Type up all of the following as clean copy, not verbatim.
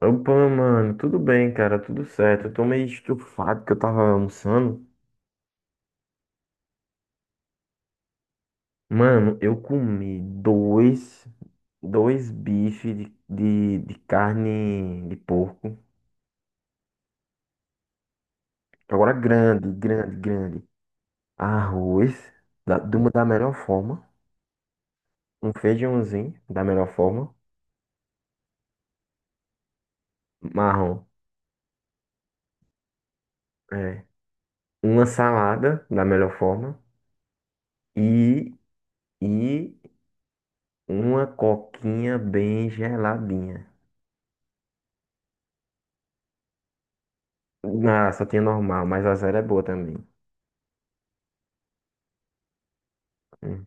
Opa, mano, tudo bem, cara, tudo certo. Eu tô meio estufado que eu tava almoçando. Mano, eu comi dois bifes de carne de porco. Agora grande. Arroz, de uma da melhor forma. Um feijãozinho, da melhor forma. Marrom, é. Uma salada, da melhor forma. E, e uma coquinha bem geladinha. Ah, só tinha normal, mas a zero é boa também. Hum,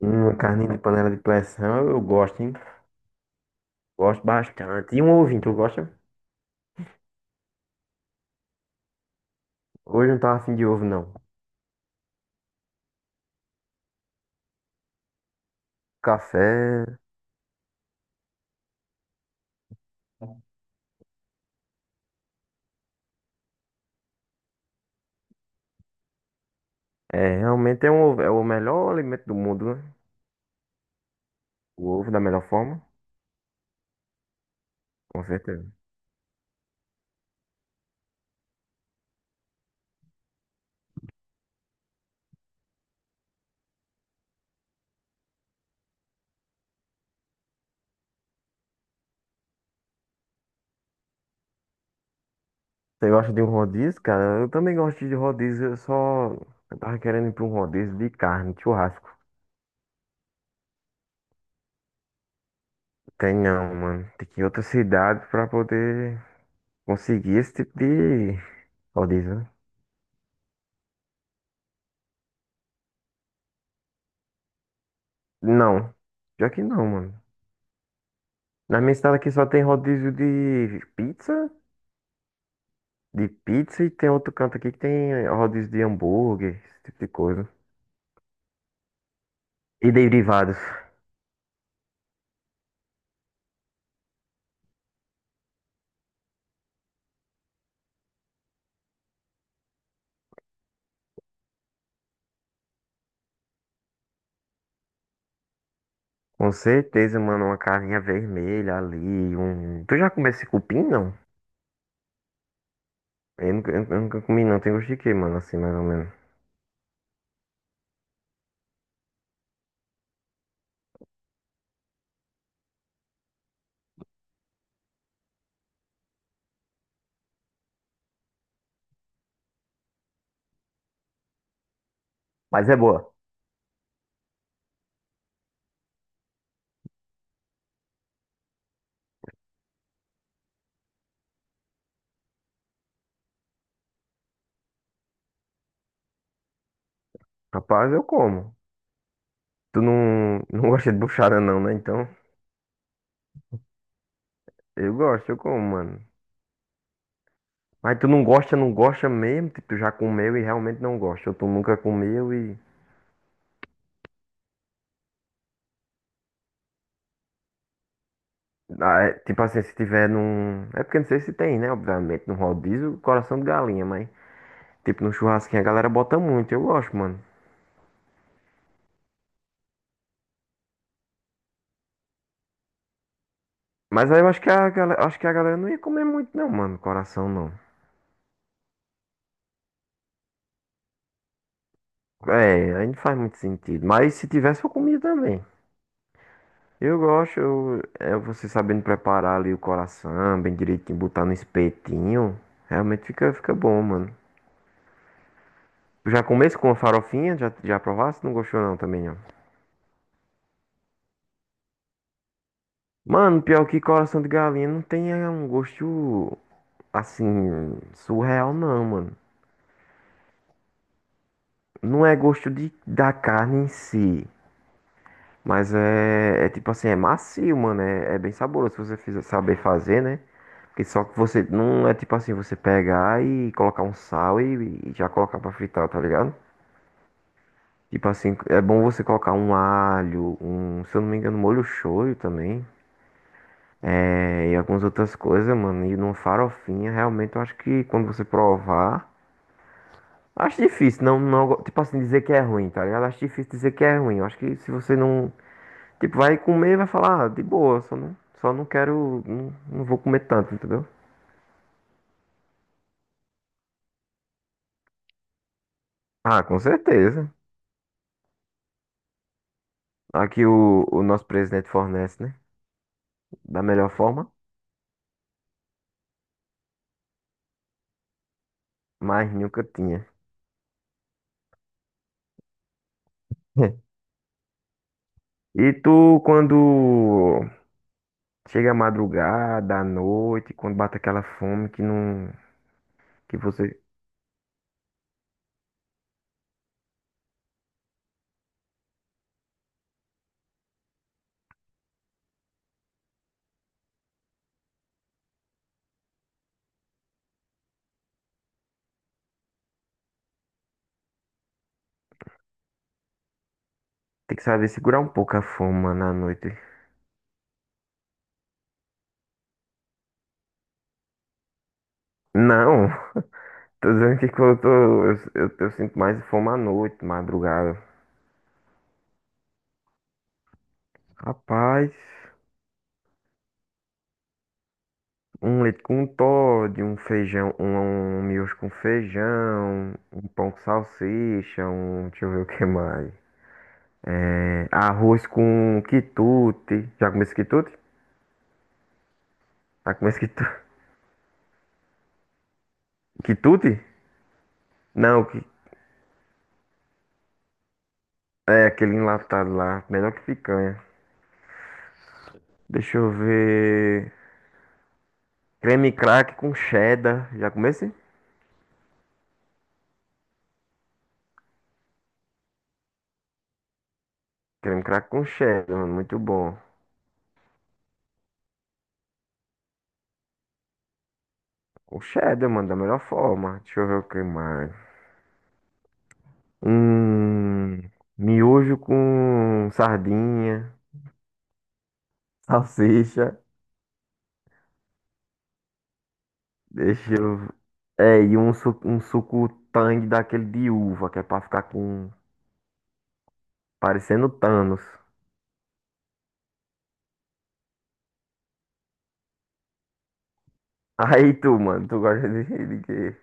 Uma carninha de panela de pressão, eu gosto, hein? Gosto bastante. E um ovinho, tu gosta? Hoje eu não tava afim de ovo, não. Café, é, realmente é, um, é o melhor alimento do mundo, né? O ovo da melhor forma, com certeza. Você gosta de um rodízio, cara? Eu também gosto de rodízio, eu só... Eu tava querendo ir pra um rodízio de carne, churrasco. Tem não, mano. Tem que ir em outra cidade pra poder conseguir esse tipo de rodízio, né? Não, já que não, mano. Na minha cidade aqui só tem rodízio de pizza, de pizza, e tem outro canto aqui que tem rodízio de hambúrguer, esse tipo de coisa. E derivados. Com certeza, mano, uma carninha vermelha ali, um... Tu já comeu esse cupim, não? Eu nunca comi, não. Tem gosto de quê, mano, assim, mais ou menos. Mas é boa. Rapaz, eu como. Tu não, não gosta de buchada não, né? Então, eu gosto, eu como, mano. Mas tu não gosta, não gosta mesmo, tipo, tu já comeu e realmente não gosta. Ou tu nunca comeu e... Ah, é, tipo assim, se tiver num... É porque não sei se tem, né? Obviamente, num rodízio, coração de galinha, mas... Tipo, num churrasquinho a galera bota muito, eu gosto, mano. Mas aí eu acho que a galera, acho que a galera não ia comer muito, não, mano, coração não. É, aí não faz muito sentido. Mas se tivesse, eu comia também. Eu gosto, eu, é, você sabendo preparar ali o coração, bem direitinho, botar no espetinho. Realmente fica bom, mano. Já comesse com a farofinha? Já, já provasse? Não gostou, não, também, ó. Mano, pior que coração de galinha não tem é, um gosto assim surreal não, mano. Não é gosto de, da carne em si, mas é, é tipo assim, é macio, mano. É, é bem saboroso se você fizer, saber fazer, né? Porque só que você não é tipo assim, você pegar e colocar um sal e já colocar pra fritar, tá ligado? Tipo assim, é bom você colocar um alho, um, se eu não me engano, molho shoyu também, é, e algumas outras coisas, mano. E numa farofinha, realmente eu acho que quando você provar... Acho difícil, não, não, tipo assim, dizer que é ruim, tá ligado? Acho difícil dizer que é ruim. Eu acho que se você não, tipo, vai comer, vai falar, ah, de boa, só não quero, não, não vou comer tanto, entendeu? Ah, com certeza. Aqui o nosso presidente fornece, né? Da melhor forma, mas nunca tinha. E tu, quando chega a madrugada, à noite, quando bate aquela fome que não, que você tem que saber segurar um pouco a fome, mano, à noite. Não, tô dizendo que quando eu tô... Eu sinto mais fome à noite, madrugada. Rapaz, um leite com Toddy, um feijão, um miojo com feijão, um pão com salsicha, um... Deixa eu ver o que mais. É, arroz com quitute. Já comeu esse quitute? Já comeu esse quitute? Quitute? Não, que, é aquele enlatado lá. Melhor que picanha. Deixa eu ver. Creme crack com cheddar. Já comeu esse? Creme crack com cheddar, mano. Muito bom. O cheddar, mano, da melhor forma. Deixa eu ver o que mais. Hum, miojo com sardinha, salsicha. Deixa eu... É, e um, um suco tang daquele de uva, que é pra ficar com... parecendo Thanos. Aí tu, mano, tu gosta de quê?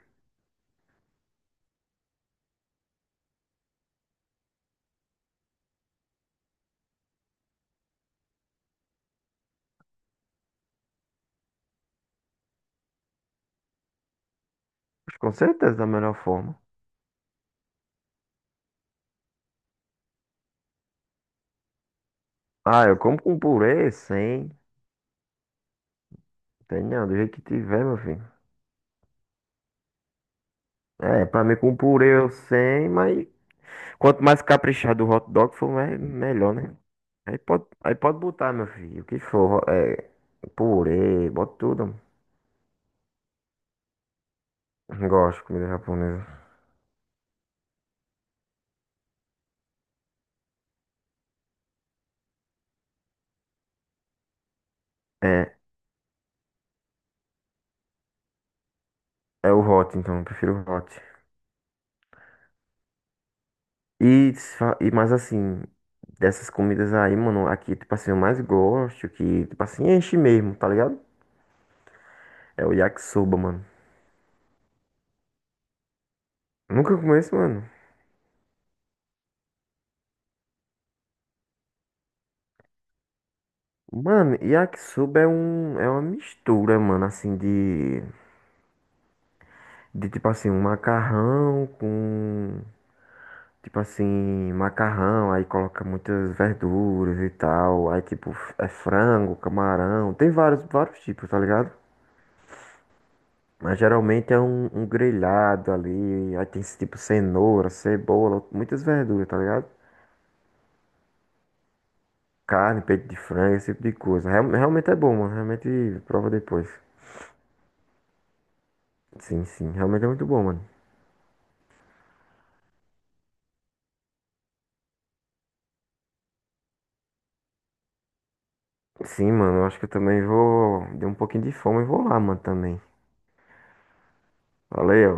Com certeza da melhor forma. Ah, eu como com purê, sem. Tem não, do jeito que tiver, meu filho. É, pra mim com purê eu sem, mas quanto mais caprichado o hot dog for, melhor, né? Aí pode botar, meu filho, o que for. É, purê, bota tudo. Gosto de comida japonesa. É, é o hot, então, eu prefiro o hot. E, se fa- e mais assim, dessas comidas aí, mano, aqui, tipo assim, eu mais gosto, que, tipo assim, enche mesmo, tá ligado? É o yakisoba, mano. Nunca comi esse, mano. Mano, yakisoba é um, é uma mistura, mano, assim, de tipo assim, um macarrão com... Tipo assim, macarrão, aí coloca muitas verduras e tal. Aí tipo, é frango, camarão. Tem vários tipos, tá ligado? Mas geralmente é um, um grelhado ali. Aí tem tipo cenoura, cebola, muitas verduras, tá ligado? Carne, peito de frango, esse tipo de coisa. Realmente é bom, mano. Realmente prova depois. Sim, sim. Realmente é muito bom, mano. Sim, mano. Eu acho que eu também vou. Deu um pouquinho de fome e vou lá, mano, também. Valeu.